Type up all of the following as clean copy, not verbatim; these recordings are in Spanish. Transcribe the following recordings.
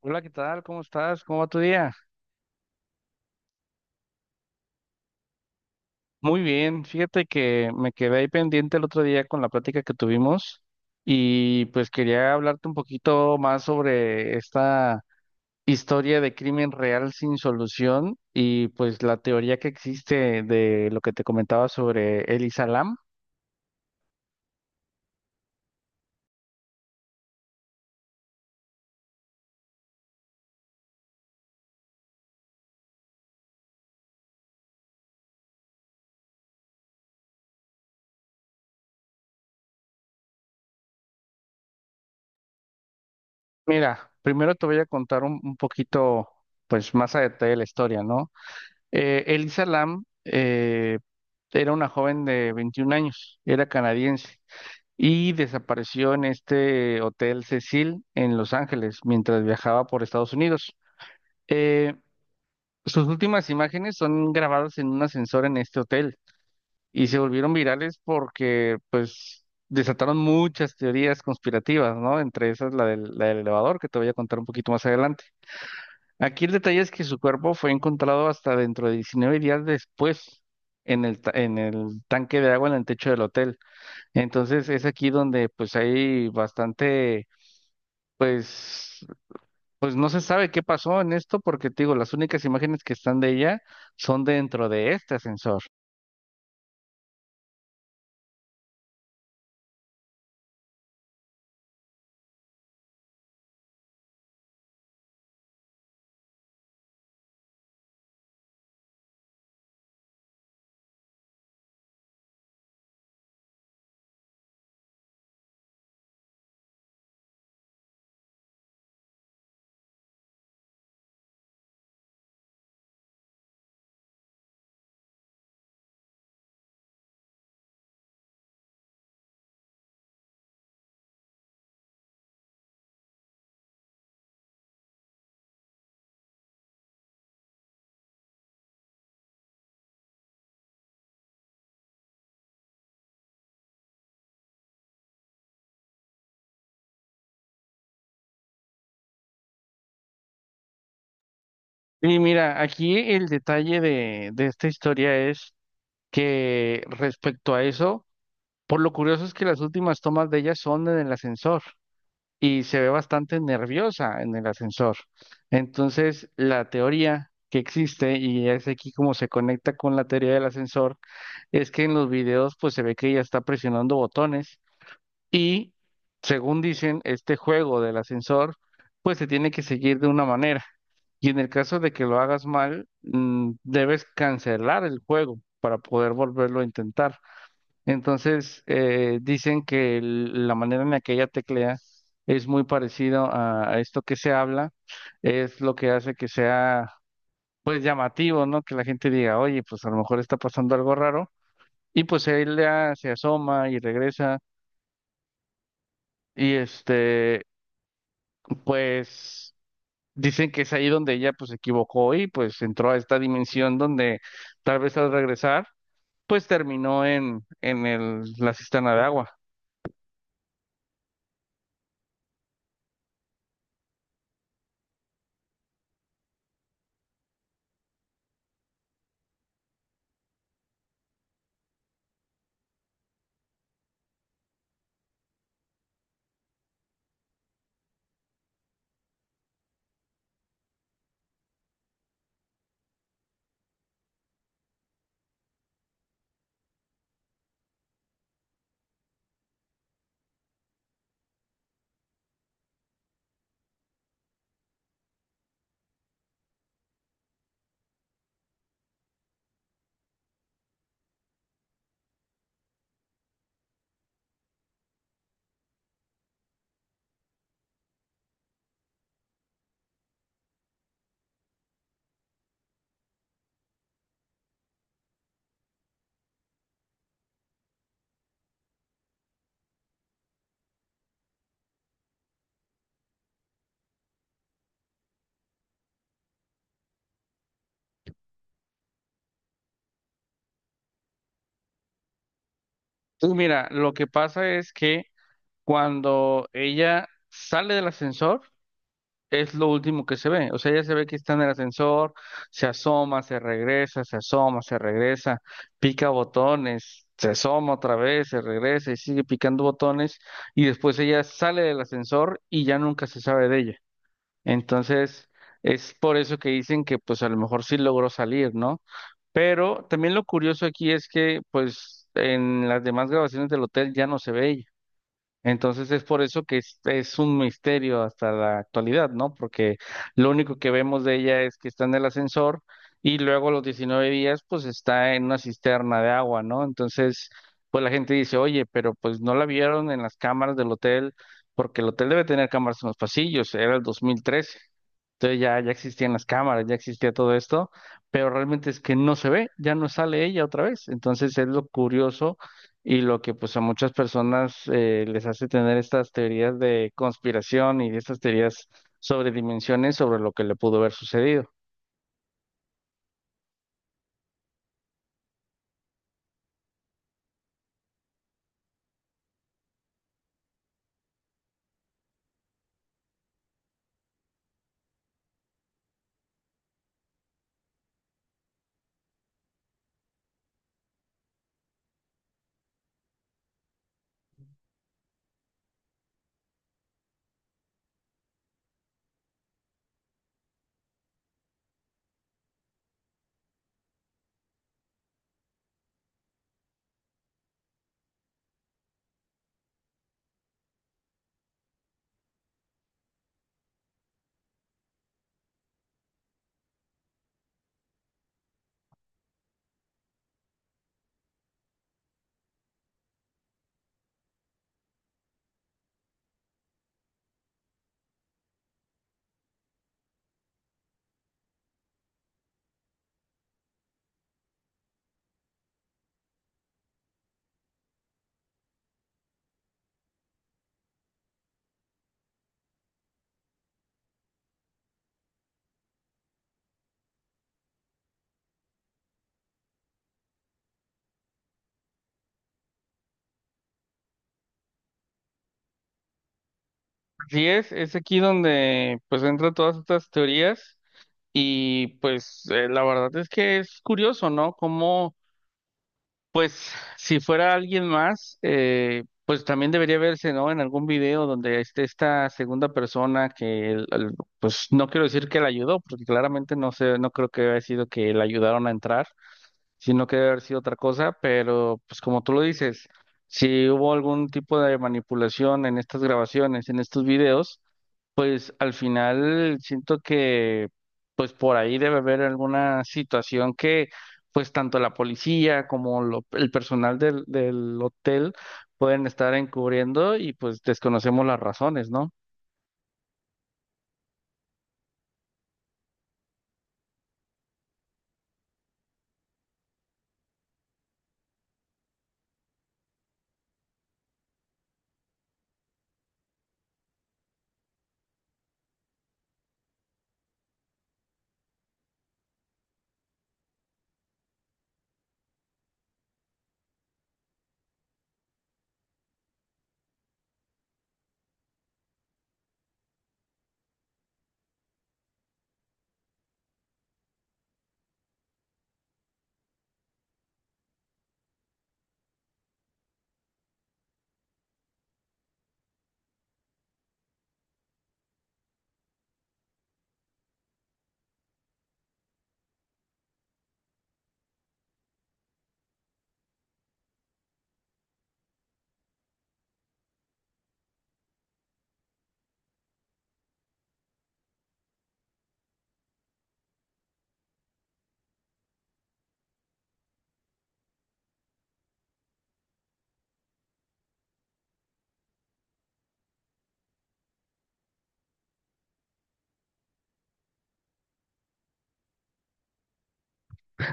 Hola, ¿qué tal? ¿Cómo estás? ¿Cómo va tu día? Muy bien. Fíjate que me quedé ahí pendiente el otro día con la plática que tuvimos y pues quería hablarte un poquito más sobre esta historia de crimen real sin solución y pues la teoría que existe de lo que te comentaba sobre Elisa Lam. Mira, primero te voy a contar un poquito pues más a detalle la historia, ¿no? Elisa Lam era una joven de 21 años, era canadiense, y desapareció en este Hotel Cecil en Los Ángeles mientras viajaba por Estados Unidos. Eh, Sus últimas imágenes son grabadas en un ascensor en este hotel y se volvieron virales porque pues desataron muchas teorías conspirativas, ¿no? Entre esas la del elevador, que te voy a contar un poquito más adelante. Aquí el detalle es que su cuerpo fue encontrado hasta dentro de 19 días después, en en el tanque de agua en el techo del hotel. Entonces es aquí donde pues hay bastante. Pues, pues no se sabe qué pasó en esto porque, te digo, las únicas imágenes que están de ella son dentro de este ascensor. Y mira, aquí el detalle de esta historia es que, respecto a eso, por lo curioso es que las últimas tomas de ella son en el ascensor y se ve bastante nerviosa en el ascensor. Entonces, la teoría que existe, y es aquí como se conecta con la teoría del ascensor, es que en los videos pues se ve que ella está presionando botones. Y según dicen, este juego del ascensor pues se tiene que seguir de una manera, y en el caso de que lo hagas mal, debes cancelar el juego para poder volverlo a intentar. Entonces, dicen que la manera en la que ella teclea es muy parecido a esto que se habla, es lo que hace que sea, pues, llamativo, ¿no? Que la gente diga, oye, pues a lo mejor está pasando algo raro. Y pues ella se asoma y regresa. Y pues dicen que es ahí donde ella pues se equivocó y pues entró a esta dimensión donde tal vez al regresar pues terminó en el, la cisterna de agua. Entonces, mira, lo que pasa es que cuando ella sale del ascensor, es lo último que se ve. O sea, ya se ve que está en el ascensor, se asoma, se regresa, se asoma, se regresa, pica botones, se asoma otra vez, se regresa y sigue picando botones, y después ella sale del ascensor y ya nunca se sabe de ella. Entonces, es por eso que dicen que pues a lo mejor sí logró salir, ¿no? Pero también lo curioso aquí es que pues en las demás grabaciones del hotel ya no se ve ella. Entonces es por eso que es un misterio hasta la actualidad, ¿no? Porque lo único que vemos de ella es que está en el ascensor y luego a los 19 días pues está en una cisterna de agua, ¿no? Entonces pues la gente dice, oye, pero pues no la vieron en las cámaras del hotel porque el hotel debe tener cámaras en los pasillos, era el 2013. Entonces ya existían las cámaras, ya existía todo esto, pero realmente es que no se ve, ya no sale ella otra vez. Entonces es lo curioso y lo que pues a muchas personas les hace tener estas teorías de conspiración y estas teorías sobre dimensiones, sobre lo que le pudo haber sucedido. Así es aquí donde pues entran todas estas teorías y pues la verdad es que es curioso, ¿no? Como pues si fuera alguien más, pues también debería verse, ¿no? En algún video donde esté esta segunda persona que pues no quiero decir que la ayudó, porque claramente no sé, no creo que haya sido que la ayudaron a entrar, sino que debe haber sido otra cosa, pero pues como tú lo dices, si hubo algún tipo de manipulación en estas grabaciones, en estos videos, pues al final siento que pues por ahí debe haber alguna situación que pues tanto la policía como el personal del hotel pueden estar encubriendo y pues desconocemos las razones, ¿no?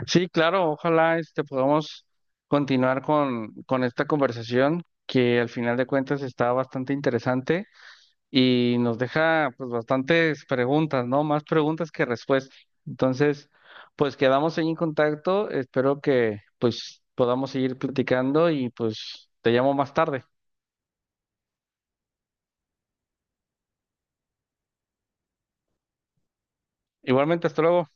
Sí, claro, ojalá este podamos continuar con esta conversación que al final de cuentas está bastante interesante y nos deja pues bastantes preguntas, ¿no? Más preguntas que respuestas. Entonces, pues quedamos ahí en contacto, espero que pues podamos seguir platicando y pues te llamo más tarde. Igualmente, hasta luego.